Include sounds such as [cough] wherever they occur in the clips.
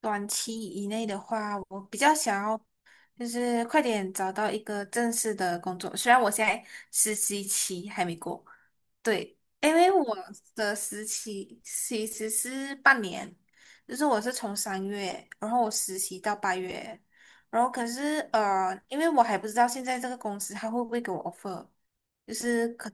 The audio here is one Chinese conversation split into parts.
短期以内的话，我比较想要就是快点找到一个正式的工作。虽然我现在实习期还没过，对，因为我的实习其实是半年，就是我是从3月，然后我实习到8月，然后可是因为我还不知道现在这个公司他会不会给我 offer，就是可。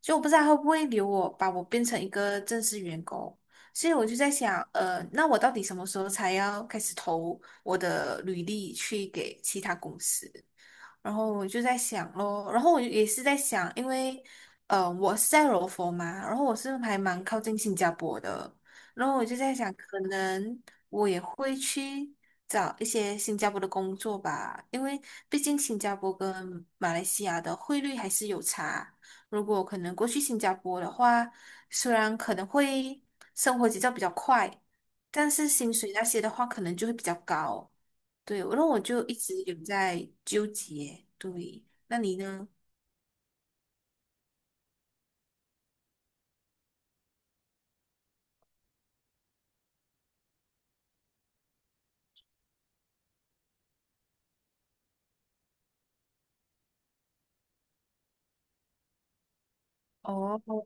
所以我不知道他会不会留我，把我变成一个正式员工。所以我就在想，那我到底什么时候才要开始投我的履历去给其他公司？然后我就在想咯，然后我也是在想，因为我是在柔佛嘛，然后我是还蛮靠近新加坡的，然后我就在想，可能我也会去找一些新加坡的工作吧，因为毕竟新加坡跟马来西亚的汇率还是有差。如果可能过去新加坡的话，虽然可能会生活节奏比较快，但是薪水那些的话，可能就会比较高。对，然后我就一直有在纠结。对，那你呢？哦。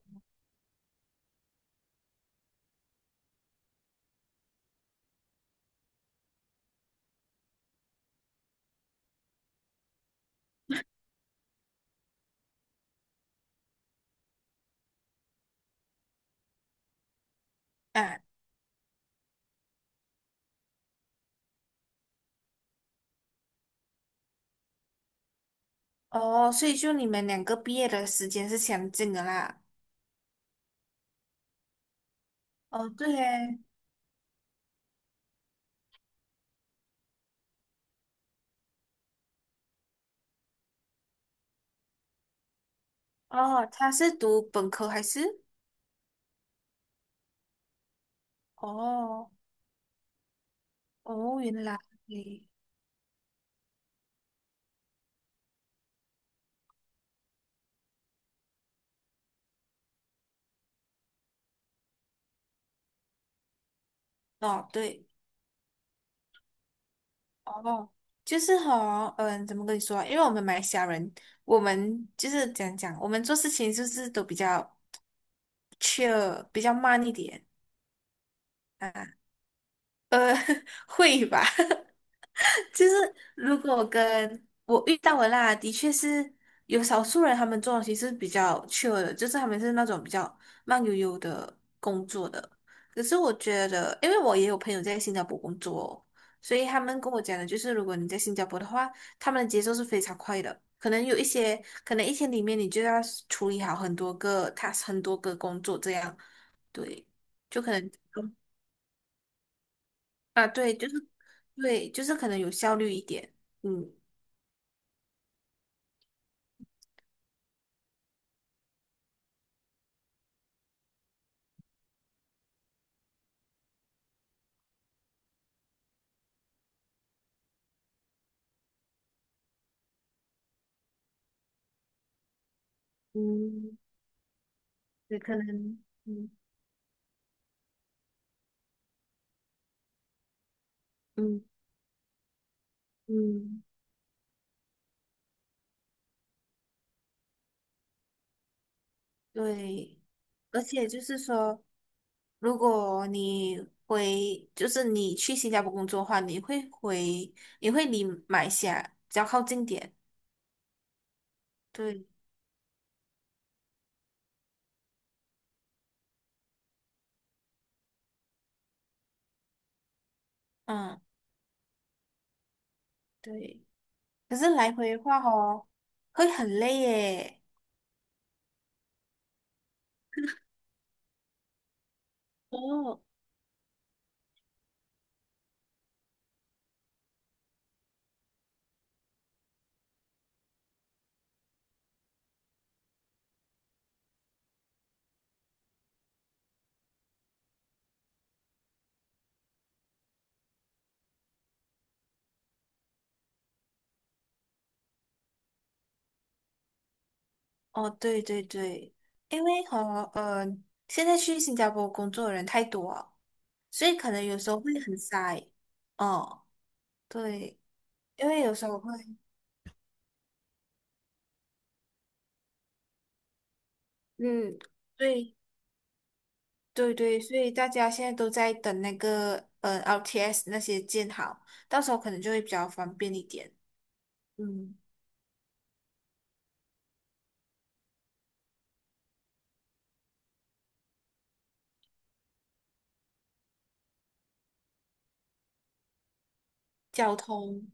啊。哦，所以就你们两个毕业的时间是相近的啦。哦，对耶。哦，他是读本科还是？哦。哦，原来。哦，对。哦，就是怎么跟你说啊？因为我们马来西亚人，我们做事情就是都比较 chill，比较慢一点。啊。呃，[laughs] 会吧？就是如果跟我遇到的啦，的确是有少数人他们做东西是比较 chill 的，就是他们是那种比较慢悠悠的工作的。可是我觉得，因为我也有朋友在新加坡工作哦，所以他们跟我讲的就是，如果你在新加坡的话，他们的节奏是非常快的。可能有一些，可能一天里面你就要处理好很多个 task，很多个工作这样，对，就可能啊，对，可能有效率一点，嗯。嗯，也可能，嗯嗯嗯，对，而且就是说，如果你回，就是你去新加坡工作的话，你会离马来西亚比较靠近点，对，嗯，对。可是来回的话哦，会很累耶。哦。哦，对对对，因为呃，现在去新加坡工作的人太多了，所以可能有时候会很塞。哦，对。因为有时候会，嗯，对对对，所以大家现在都在等那个LTS 那些建好，到时候可能就会比较方便一点。嗯，交通，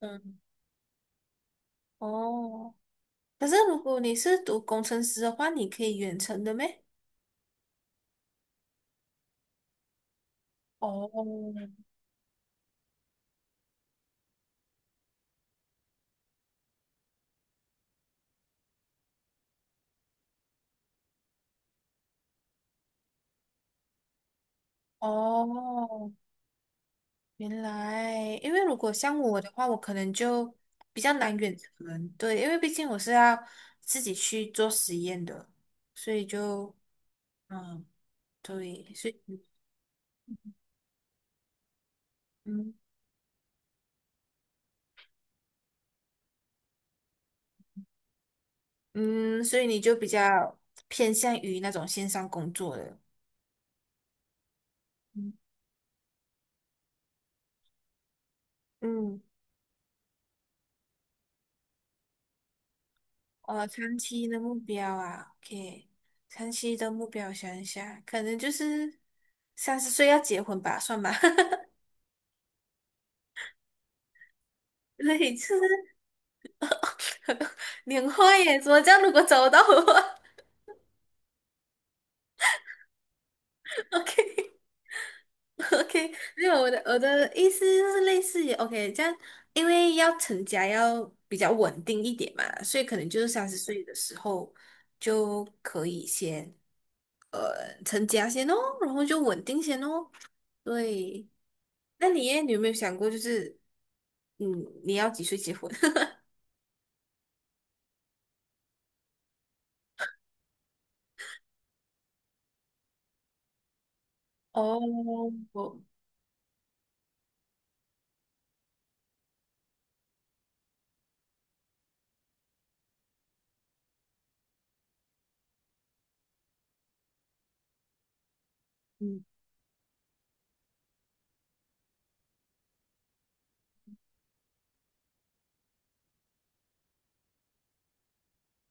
嗯，哦，可是如果你是读工程师的话，你可以远程的咩？哦。哦，原来，因为如果像我的话，我可能就比较难远程，对，因为毕竟我是要自己去做实验的，所以就。嗯。对，所以嗯嗯，所以你就比较偏向于那种线上工作的。嗯嗯，我长期的目标啊，OK，长期的目标我想一下，可能就是三十岁要结婚吧，算吧。[laughs] 对，就是 [laughs] 年后耶，怎么这样？如果找得到的话 [laughs]，OK。[laughs] OK，没有我的意思就是类似于 OK，这样因为要成家要比较稳定一点嘛，所以可能就是三十岁的时候就可以先成家先哦，然后就稳定先哦。对，那你耶，你有没有想过就是嗯你要几岁结婚？[laughs] 哦，我嗯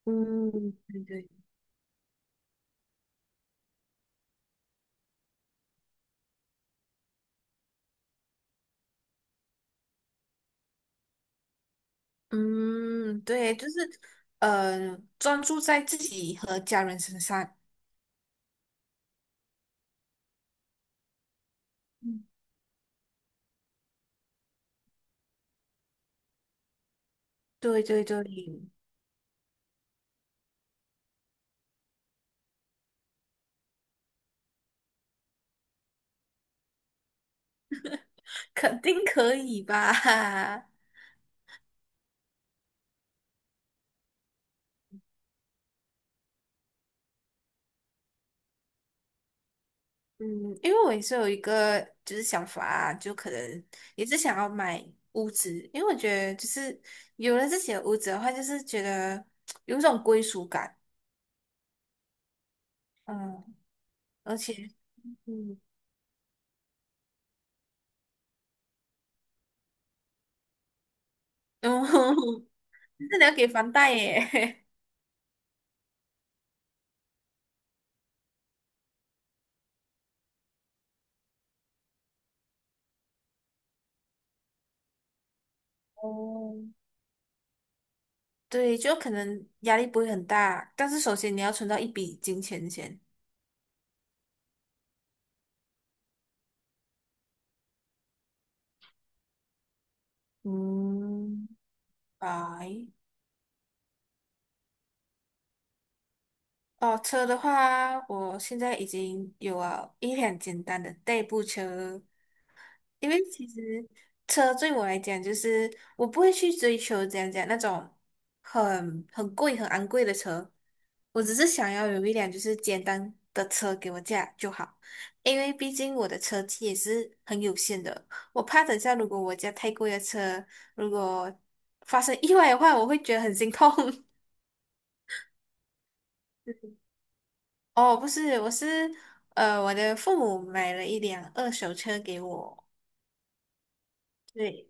嗯，对对，嗯，对，就是专注在自己和家人身上。对对对，[laughs] 肯定可以吧？[laughs] 嗯，因为我也是有一个就是想法啊就可能也是想要买屋子，因为我觉得就是有了自己的屋子的话，就是觉得有一种归属感。嗯，而且嗯，哦，[laughs] 就是你要给房贷耶。[laughs] 哦，对，就可能压力不会很大，但是首先你要存到一笔金钱先。嗯，拜。哦，车的话，我现在已经有了一辆简单的代步车，因为其实车对我来讲，就是我不会去追求怎样讲那种很贵、很昂贵的车，我只是想要有一辆就是简单的车给我驾就好，因为毕竟我的车技也是很有限的，我怕等下如果我驾太贵的车，如果发生意外的话，我会觉得很心痛。[laughs] 哦，不是，我是我的父母买了一辆二手车给我。对，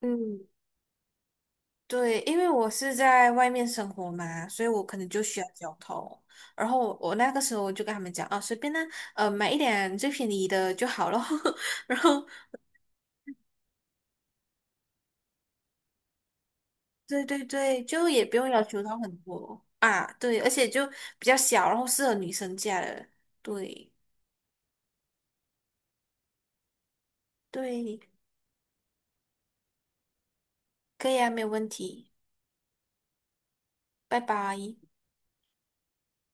嗯，对，因为我是在外面生活嘛，所以我可能就需要交通。然后我那个时候我就跟他们讲，啊，随便呢，买一辆最便宜的就好了。[laughs] 然后，对对对，就也不用要求到很多啊。对，而且就比较小，然后适合女生驾的。对对，可以啊，没有问题。拜拜。